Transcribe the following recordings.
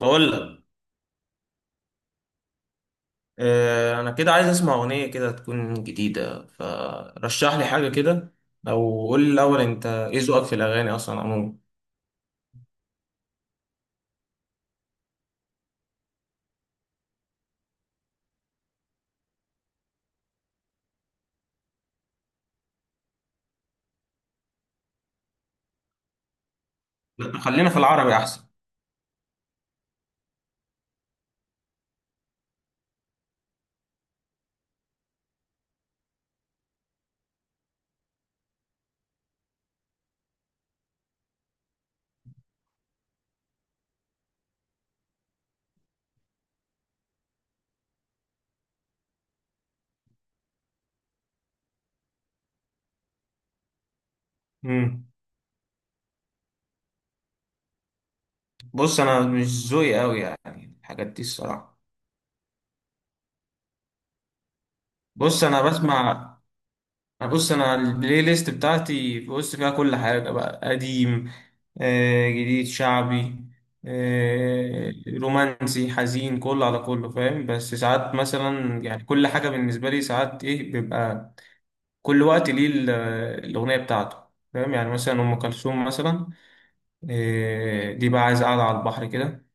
بقول لك. انا كده عايز اسمع اغنيه كده تكون جديده، فرشح لي حاجه كده، او قول لي الاول انت ايه ذوقك في الاغاني اصلا عموما؟ لا، خلينا في العربي احسن. امم بص، انا مش ذوقي قوي يعني الحاجات دي الصراحه. بص، انا بسمع، يعني بص، انا البلاي ليست بتاعتي، بص فيها كل حاجه: بقى قديم، جديد، شعبي، رومانسي، حزين، كله على كله فاهم. بس ساعات مثلا، يعني، كل حاجه بالنسبه لي ساعات ايه بيبقى كل وقت ليه الاغنيه بتاعته فاهم. يعني مثلا ام كلثوم مثلا، دي بقى عايز قاعده على البحر كده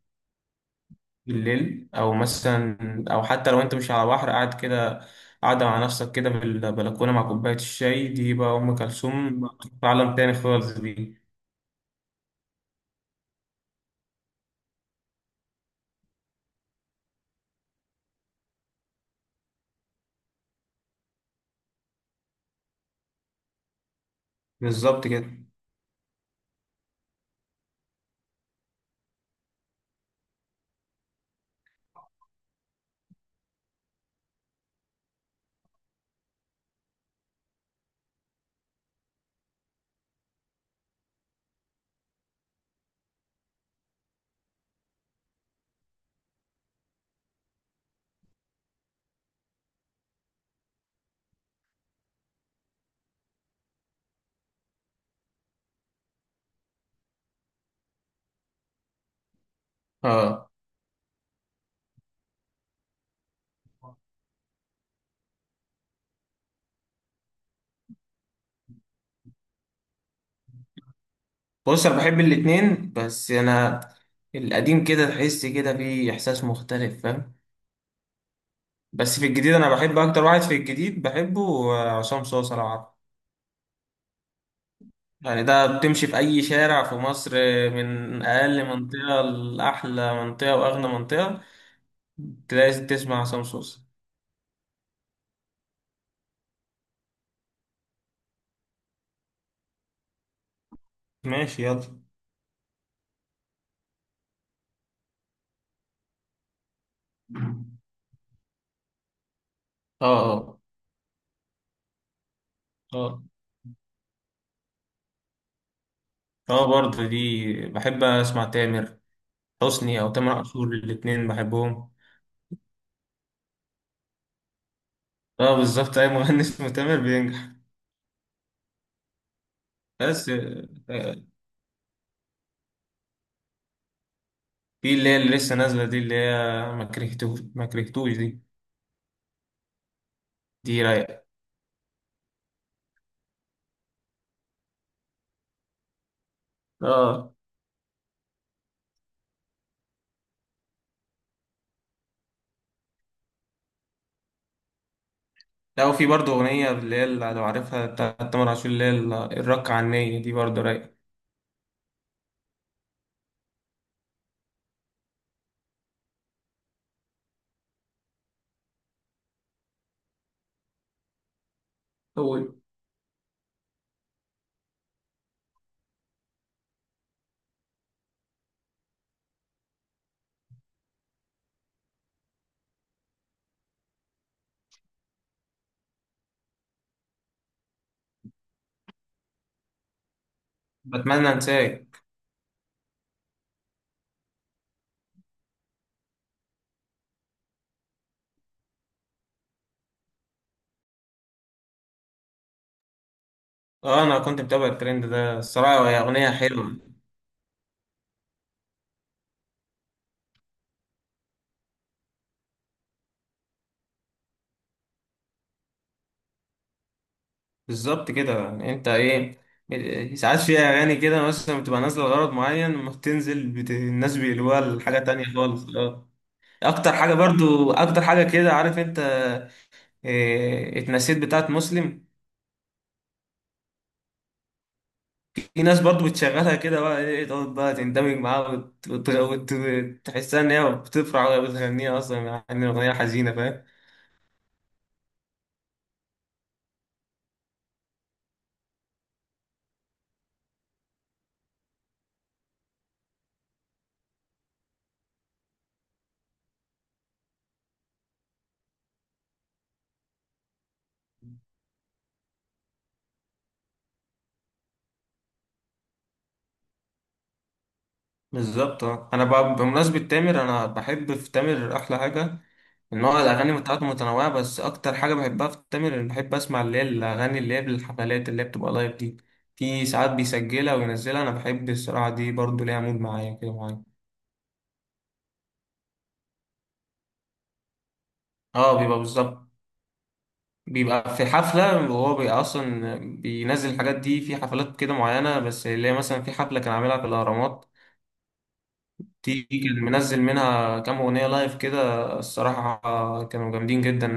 بالليل، او مثلا، او حتى لو انت مش على بحر قاعد كده، قاعدة مع نفسك كده في البلكونة مع كوباية الشاي، دي بقى أم كلثوم، في عالم تاني خالص دي. بالظبط كده. اه، بص أنا بحب الاتنين، بس أنا القديم كده تحس كده فيه إحساس مختلف فاهم. بس في الجديد، أنا بحب أكتر واحد في الجديد بحبه، عصام صوصة لو عارفه. يعني ده بتمشي في أي شارع في مصر، من أقل منطقة لأحلى منطقة وأغنى منطقة لازم تسمع عصام صوصة. ماشي، يلا. اه، اه، اه، اه، برضه دي بحب اسمع تامر حسني او تامر عاشور، الاتنين بحبهم. اه، بالظبط، اي مغني اسمه تامر بينجح. بس آه، في اللي هي، اللي لسه نازله دي، اللي هي ما كرهتوش، ما كرهتوش دي، دي رايقه. اه، لا، وفي برضه اغنيه اللي هي، اللي لو عارفها، بتاعت تامر عاشور، اللي هي الرق عنية دي برضه رايقه. أوي. بتمنى انساك. اه، انا كنت متابع الترند ده الصراحه، هي اغنيه حلوه. بالظبط كده، يعني انت ايه، ساعات في اغاني كده مثلا بتبقى نازله لغرض معين، لما بتنزل الناس بيقلبوها لحاجه تانية خالص. اه، اكتر حاجه برضو، اكتر حاجه كده عارف انت إيه؟ اتنسيت بتاعت مسلم. في ناس برضو بتشغلها كده بقى، ايه، تقعد بقى تندمج معاها تحسها ان هي بتفرح وهي بتغنيها اصلا، مع ان الاغنيه حزينه فاهم. بالظبط اه. انا بقى بمناسبه تامر، انا بحب في تامر احلى حاجه، نوع الأغاني بتاعته متنوعة، بس أكتر حاجة بحبها في تامر إن بحب أسمع اللي هي الأغاني اللي هي بالحفلات، اللي هي بتبقى لايف دي. في ساعات بيسجلها وينزلها، أنا بحب الصراحة دي برضو، ليها مود معايا كده، معايا. اه، بيبقى بالظبط، بيبقى في حفلة، وهو بيبقى أصلا بينزل الحاجات دي في حفلات كده معينة، بس اللي هي مثلا في حفلة كان عاملها في الأهرامات، دي كان منزل منها كام أغنية لايف كده، الصراحة كانوا جامدين جدا.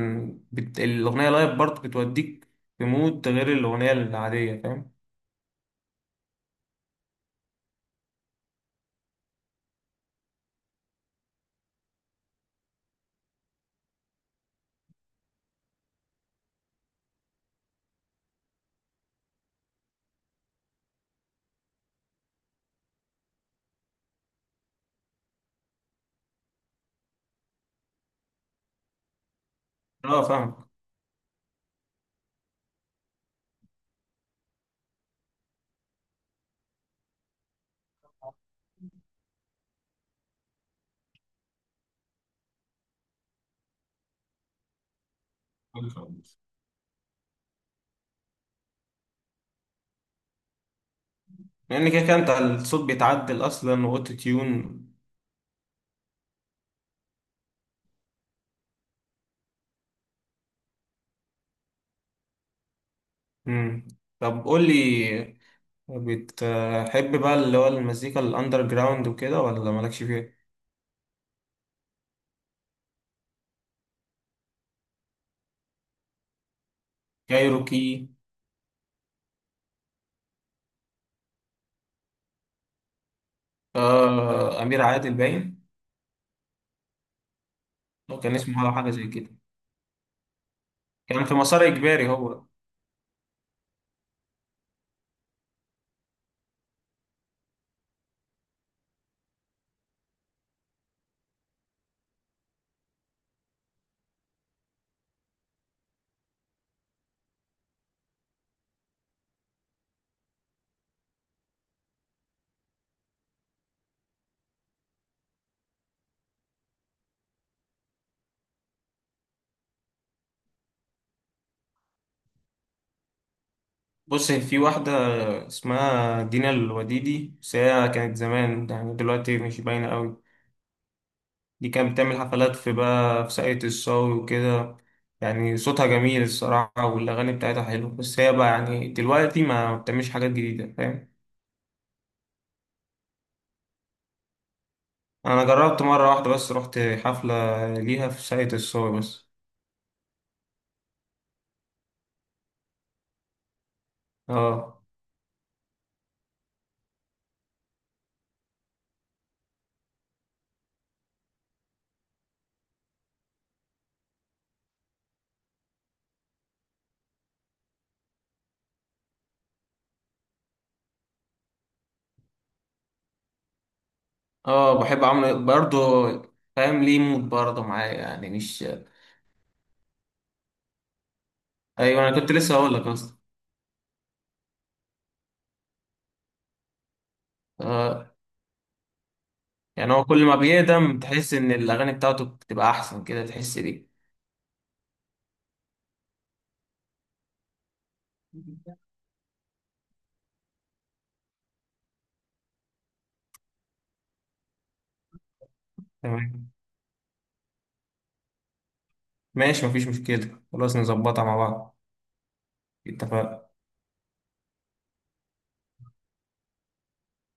الأغنية لايف برضو بتوديك في مود غير الأغنية العادية فاهم. اه، فاهم. لان كده كده انت الصوت بيتعدل اصلا واوتو تيون. امم طب قول لي، بتحب بقى اللي هو المزيكا الاندر جراوند وكده، ولا مالكش فيها؟ كايروكي. آه، امير عادل باين. هو كان اسمه ولا حاجه زي كده، كان في مسار اجباري هو. بص في واحده اسمها دينا الوديدي، بس هي كانت زمان، يعني دلوقتي مش باينه قوي. دي كانت بتعمل حفلات في بقى في ساقية الصاوي وكده، يعني صوتها جميل الصراحة، والأغاني بتاعتها حلوة، بس هي بقى يعني دلوقتي ما بتعملش حاجات جديدة فاهم. أنا جربت مرة واحدة بس، رحت حفلة ليها في ساقية الصاوي بس. اه، اه، بحب عمرو برضه، فاهم ليه مود برضه معايا، يعني مش... أيوة، أنا كنت لسه هقول لك أصلا. آه، يعني هو كل ما بيقدم تحس إن الأغاني بتاعته بتبقى أحسن كده، تحس بيه. تمام، ماشي، مفيش مشكلة، خلاص نظبطها مع بعض. اتفق.